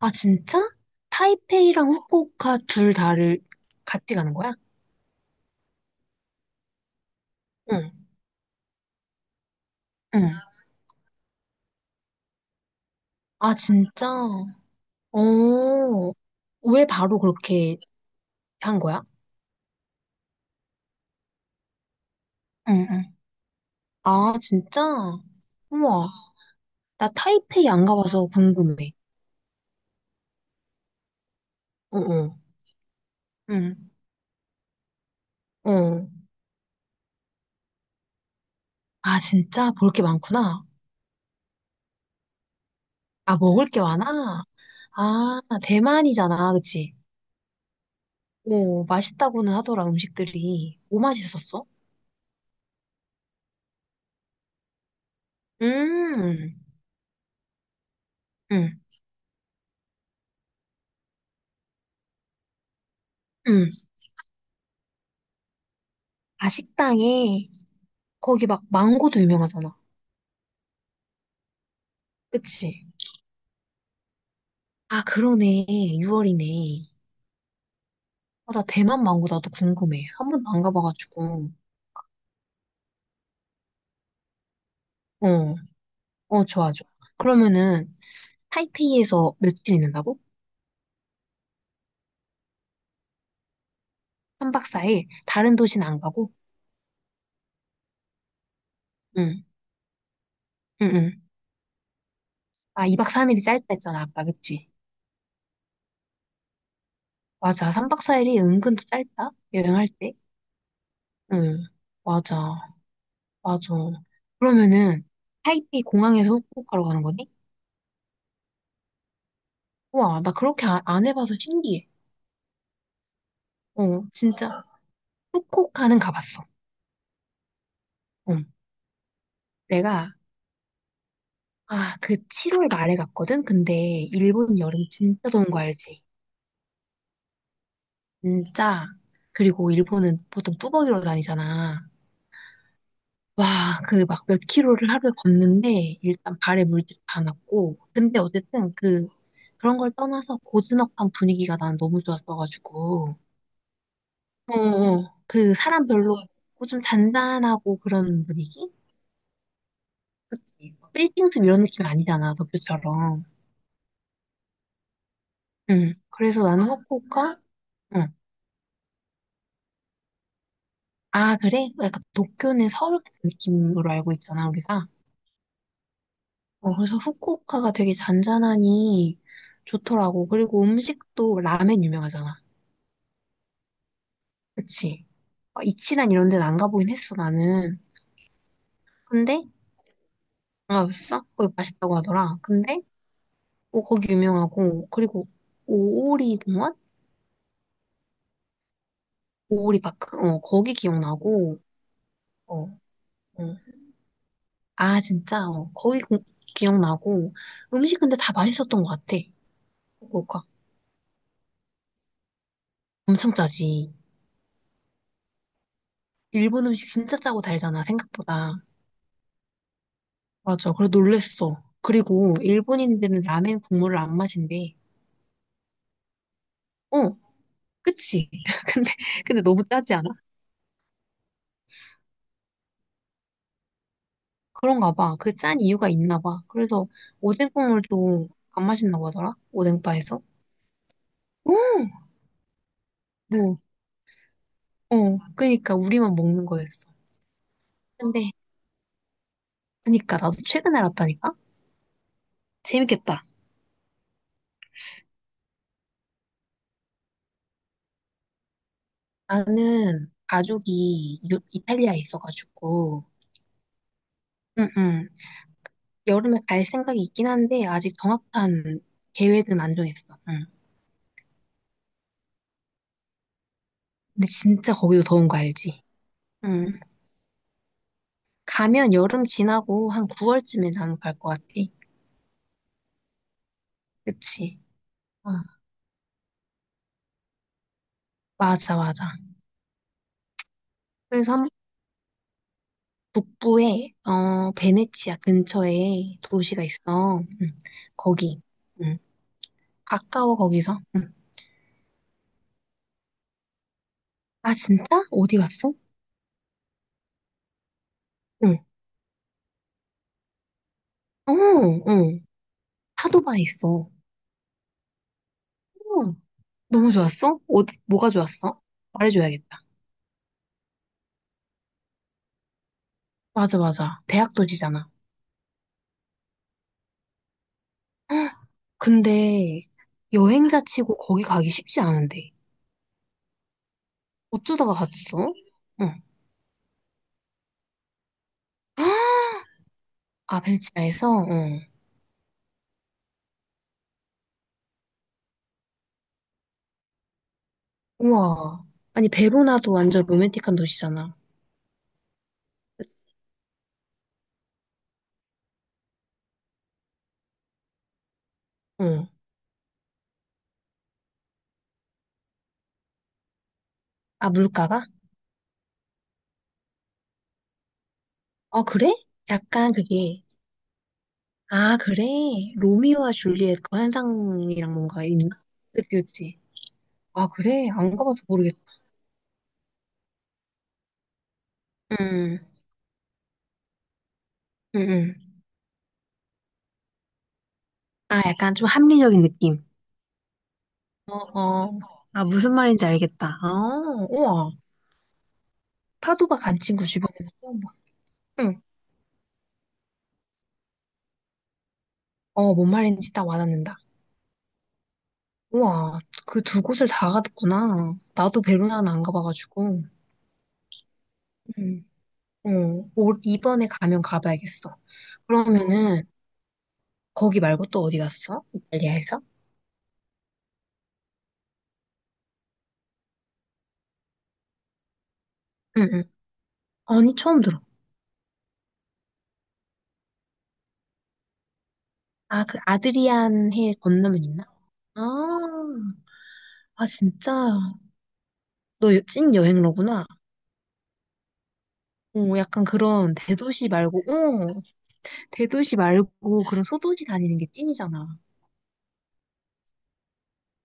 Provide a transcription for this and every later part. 아, 진짜? 타이페이랑 후쿠오카 둘 다를 같이 가는 거야? 응, 응. 아, 진짜? 어, 왜 바로 그렇게 한 거야? 응, 응. 아, 진짜? 우와, 나 타이페이 안 가봐서 궁금해. 어, 어, 응, 어. 아, 진짜? 볼 게 많구나. 아, 먹을 게 많아? 아, 대만이잖아, 그치? 오, 맛있다고는 하더라, 음식들이. 뭐 맛있었어? 음, 응, 응. 아, 식당에, 거기 막 망고도 유명하잖아. 그치? 아, 그러네. 6월이네. 아, 나 대만 망고 나도 궁금해. 한 번도 안 가봐가지고. 어, 어, 좋아, 좋아. 그러면은, 타이페이에서 며칠 있는다고? 3박 4일? 다른 도시는 안 가고? 응, 응, 응. 아, 2박 3일이 짧다 했잖아, 아까, 그치? 맞아. 3박 4일이 은근 또 짧다? 여행할 때? 응, 맞아, 맞아. 그러면은, 타이페이 공항에서 후쿠오카로 가는 거네? 우와, 나 그렇게 안 해봐서 신기해. 어, 진짜. 후쿠오카는 가봤어. 어, 내가, 아, 그 7월 말에 갔거든? 근데 일본 여름 진짜 더운 거 알지? 진짜. 그리고 일본은 보통 뚜벅이로 다니잖아. 와, 그 막 몇 킬로를 하루에 걷는데 일단 발에 물집 다 났고. 근데 어쨌든 그, 그런 걸 떠나서 고즈넉한 분위기가 난 너무 좋았어가지고. 어, 어. 그 사람 별로 없고 좀 잔잔하고 그런 분위기? 그치. 빌딩숲 이런 느낌 아니잖아, 도쿄처럼. 응. 그래서 나는 후쿠오카, 응. 아, 그래? 뭐 약간 도쿄는 서울 같은 느낌으로 알고 있잖아, 우리가. 어, 그래서 후쿠오카가 되게 잔잔하니 좋더라고. 그리고 음식도 라멘 유명하잖아. 그치? 어, 이치란 이런 데는 안 가보긴 했어, 나는. 근데, 안 가봤어? 거기 맛있다고 하더라. 근데, 어, 거기 유명하고, 그리고 오오리 공원? 오오리 파크? 어, 거기 기억나고, 어. 어. 아, 진짜? 어, 거의 기억나고. 음식 근데 다 맛있었던 것 같아. 후쿠오카. 엄청 짜지. 일본 음식 진짜 짜고 달잖아, 생각보다. 맞아. 그래, 놀랬어. 그리고 일본인들은 라멘 국물을 안 마신대. 어, 그치? 근데, 근데 너무 짜지 않아? 그런가 봐. 그 짠 이유가 있나 봐. 그래서 오뎅 국물도 안 마신다고 하더라? 오뎅바에서? 어, 뭐, 어. 그니까 우리만 먹는 거였어. 근데, 그니까 나도 최근에 알았다니까? 재밌겠다. 나는 가족이 이탈리아에 있어가지고, 응, 응. 여름에 갈 생각이 있긴 한데, 아직 정확한 계획은 안 정했어. 응. 근데 진짜 거기도 더운 거 알지? 응. 가면 여름 지나고 한 9월쯤에 나는 갈 것 같아. 그치? 어, 맞아, 맞아. 그래서 한 북부에, 어, 베네치아 근처에 도시가 있어. 응. 거기. 응. 가까워, 거기서. 응. 아, 진짜? 어디 갔어? 응. 어, 응. 파도바에 있어. 어, 너무 좋았어? 어, 뭐가 좋았어? 말해줘야겠다. 맞아, 맞아. 대학 도시잖아. 헉, 근데 여행자 치고 거기 가기 쉽지 않은데. 어쩌다가 갔어? 응. 아, 벨기에에서? 응. 우와. 아니, 베로나도 완전 로맨틱한 도시잖아. 그치? 응. 아, 물가가? 아, 그래? 약간 그게. 아, 그래? 로미오와 줄리엣 그 환상이랑 뭔가 있나? 그치, 그치. 아, 그래? 안 가봐서 모르겠다. 응, 응, 응. 아, 약간 좀 합리적인 느낌. 어, 어. 아, 무슨 말인지 알겠다. 아, 우와. 파도가 간 친구 주변에서 처음 봐. 응. 어, 뭔 말인지 딱 와닿는다. 우와, 그 두 곳을 다 갔구나. 나도 베로나는 안 가봐가지고. 응. 어, 올, 이번에 가면 가봐야겠어. 그러면은, 거기 말고 또 어디 갔어? 이탈리아에서? 응, 응. 아니, 처음 들어. 아, 그 아드리안 해 건너면 있나? 아, 아, 진짜. 너 찐 여행러구나. 어, 약간 그런 대도시 말고, 어, 대도시 말고 그런 소도시 다니는 게 찐이잖아.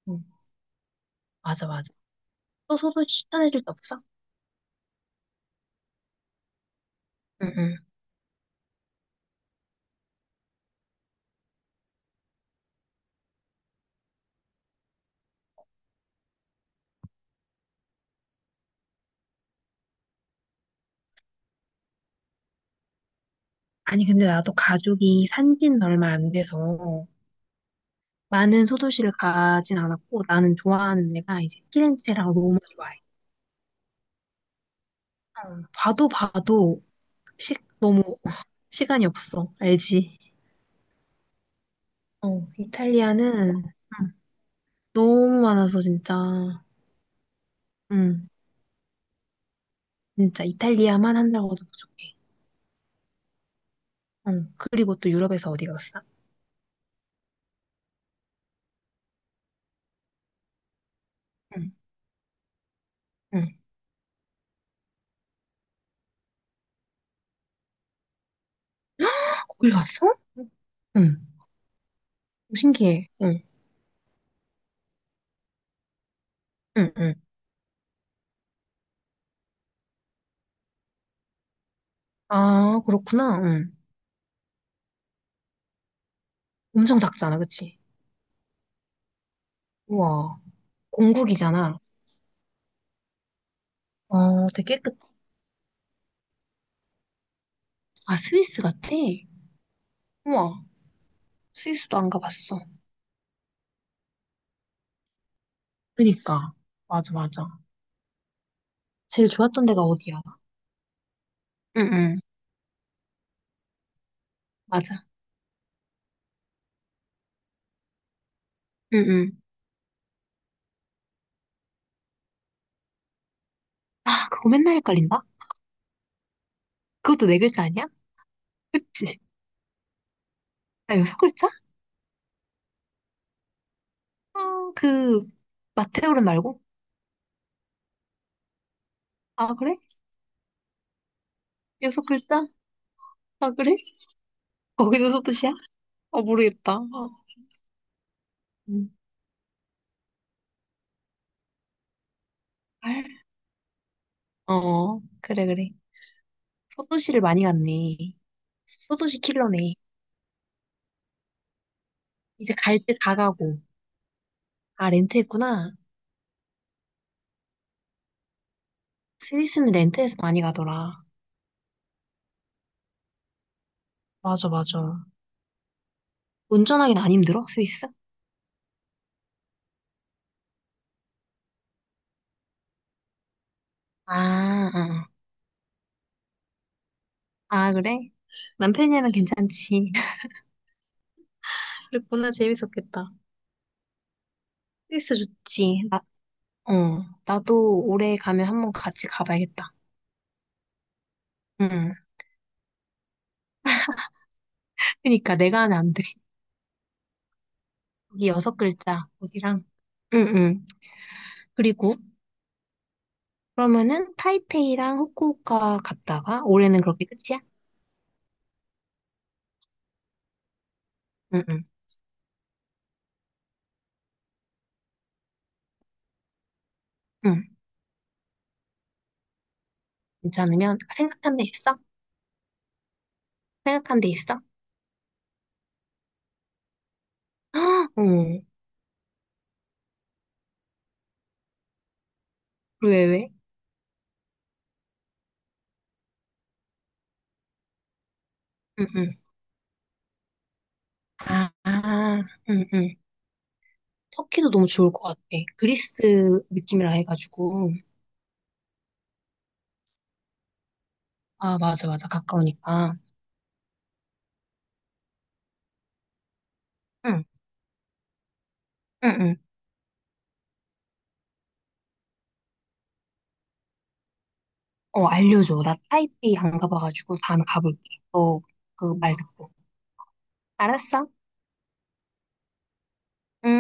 어. 맞아, 맞아. 또 소도시 추천해줄 데 없어? 응, 응. 아니, 근데 나도 가족이 산지는 얼마 안 돼서 많은 소도시를 가진 않았고, 나는 좋아하는 데가 이제 피렌체랑 로마 좋아해. 어, 봐도 봐도 시, 너무 시간이 없어. 알지? 어, 이탈리아는 응, 너무 많아서 진짜, 응, 진짜 이탈리아만 한다고도 부족해. 응. 그리고 또 유럽에서 어디 갔어? 응. 응. 거길 갔어? 응. 오, 신기해. 응. 응. 응. 아, 그렇구나. 응. 엄청 작잖아. 그치? 우와. 공국이잖아. 어, 되게 깨끗. 아, 스위스 같아? 우와, 스위스도 안 가봤어. 그니까. 맞아, 맞아. 제일 좋았던 데가 어디야? 응응, 맞아. 응응. 아, 그거 맨날 헷갈린다? 그것도 네 글자 아니야? 그치? 아, 여섯 글자? 아, 그, 마테오른 말고? 아, 그래? 여섯 글자? 아, 그래? 거기도 소도시야? 어, 모르겠다. 어, 음. 알. 어, 그래, 그래. 소도시를 많이 갔네. 소도시 킬러네. 이제 갈 때 다 가고. 아, 렌트했구나. 스위스는 렌트해서 많이 가더라. 맞아, 맞아. 운전하긴 안 힘들어, 스위스? 아, 아, 아, 그래? 남편이 하면 괜찮지. 그랬구나, 재밌었겠다. 스위스 좋지. 나, 어, 나도 올해 가면 한 번 같이 가봐야겠다. 응. 그니까 내가 하면 안 돼. 여기 여섯 글자, 거기랑. 응, 응. 그리고 그러면은 타이페이랑 후쿠오카 갔다가 올해는 그렇게 끝이야? 응, 응, 응. 괜찮으면 아, 생각한 데 있어? 생각한 데 있어? 헉, 어, 왜, 왜? 응, 응. 아, 아, 응, 응. 터키도 너무 좋을 것 같아. 그리스 느낌이라 해가지고. 아, 맞아, 맞아. 가까우니까. 응, 응, 응. 어, 알려줘. 나 타이페이 안 가봐가지고 다음에 가볼게. 너 그 말 듣고. 알았어? 응?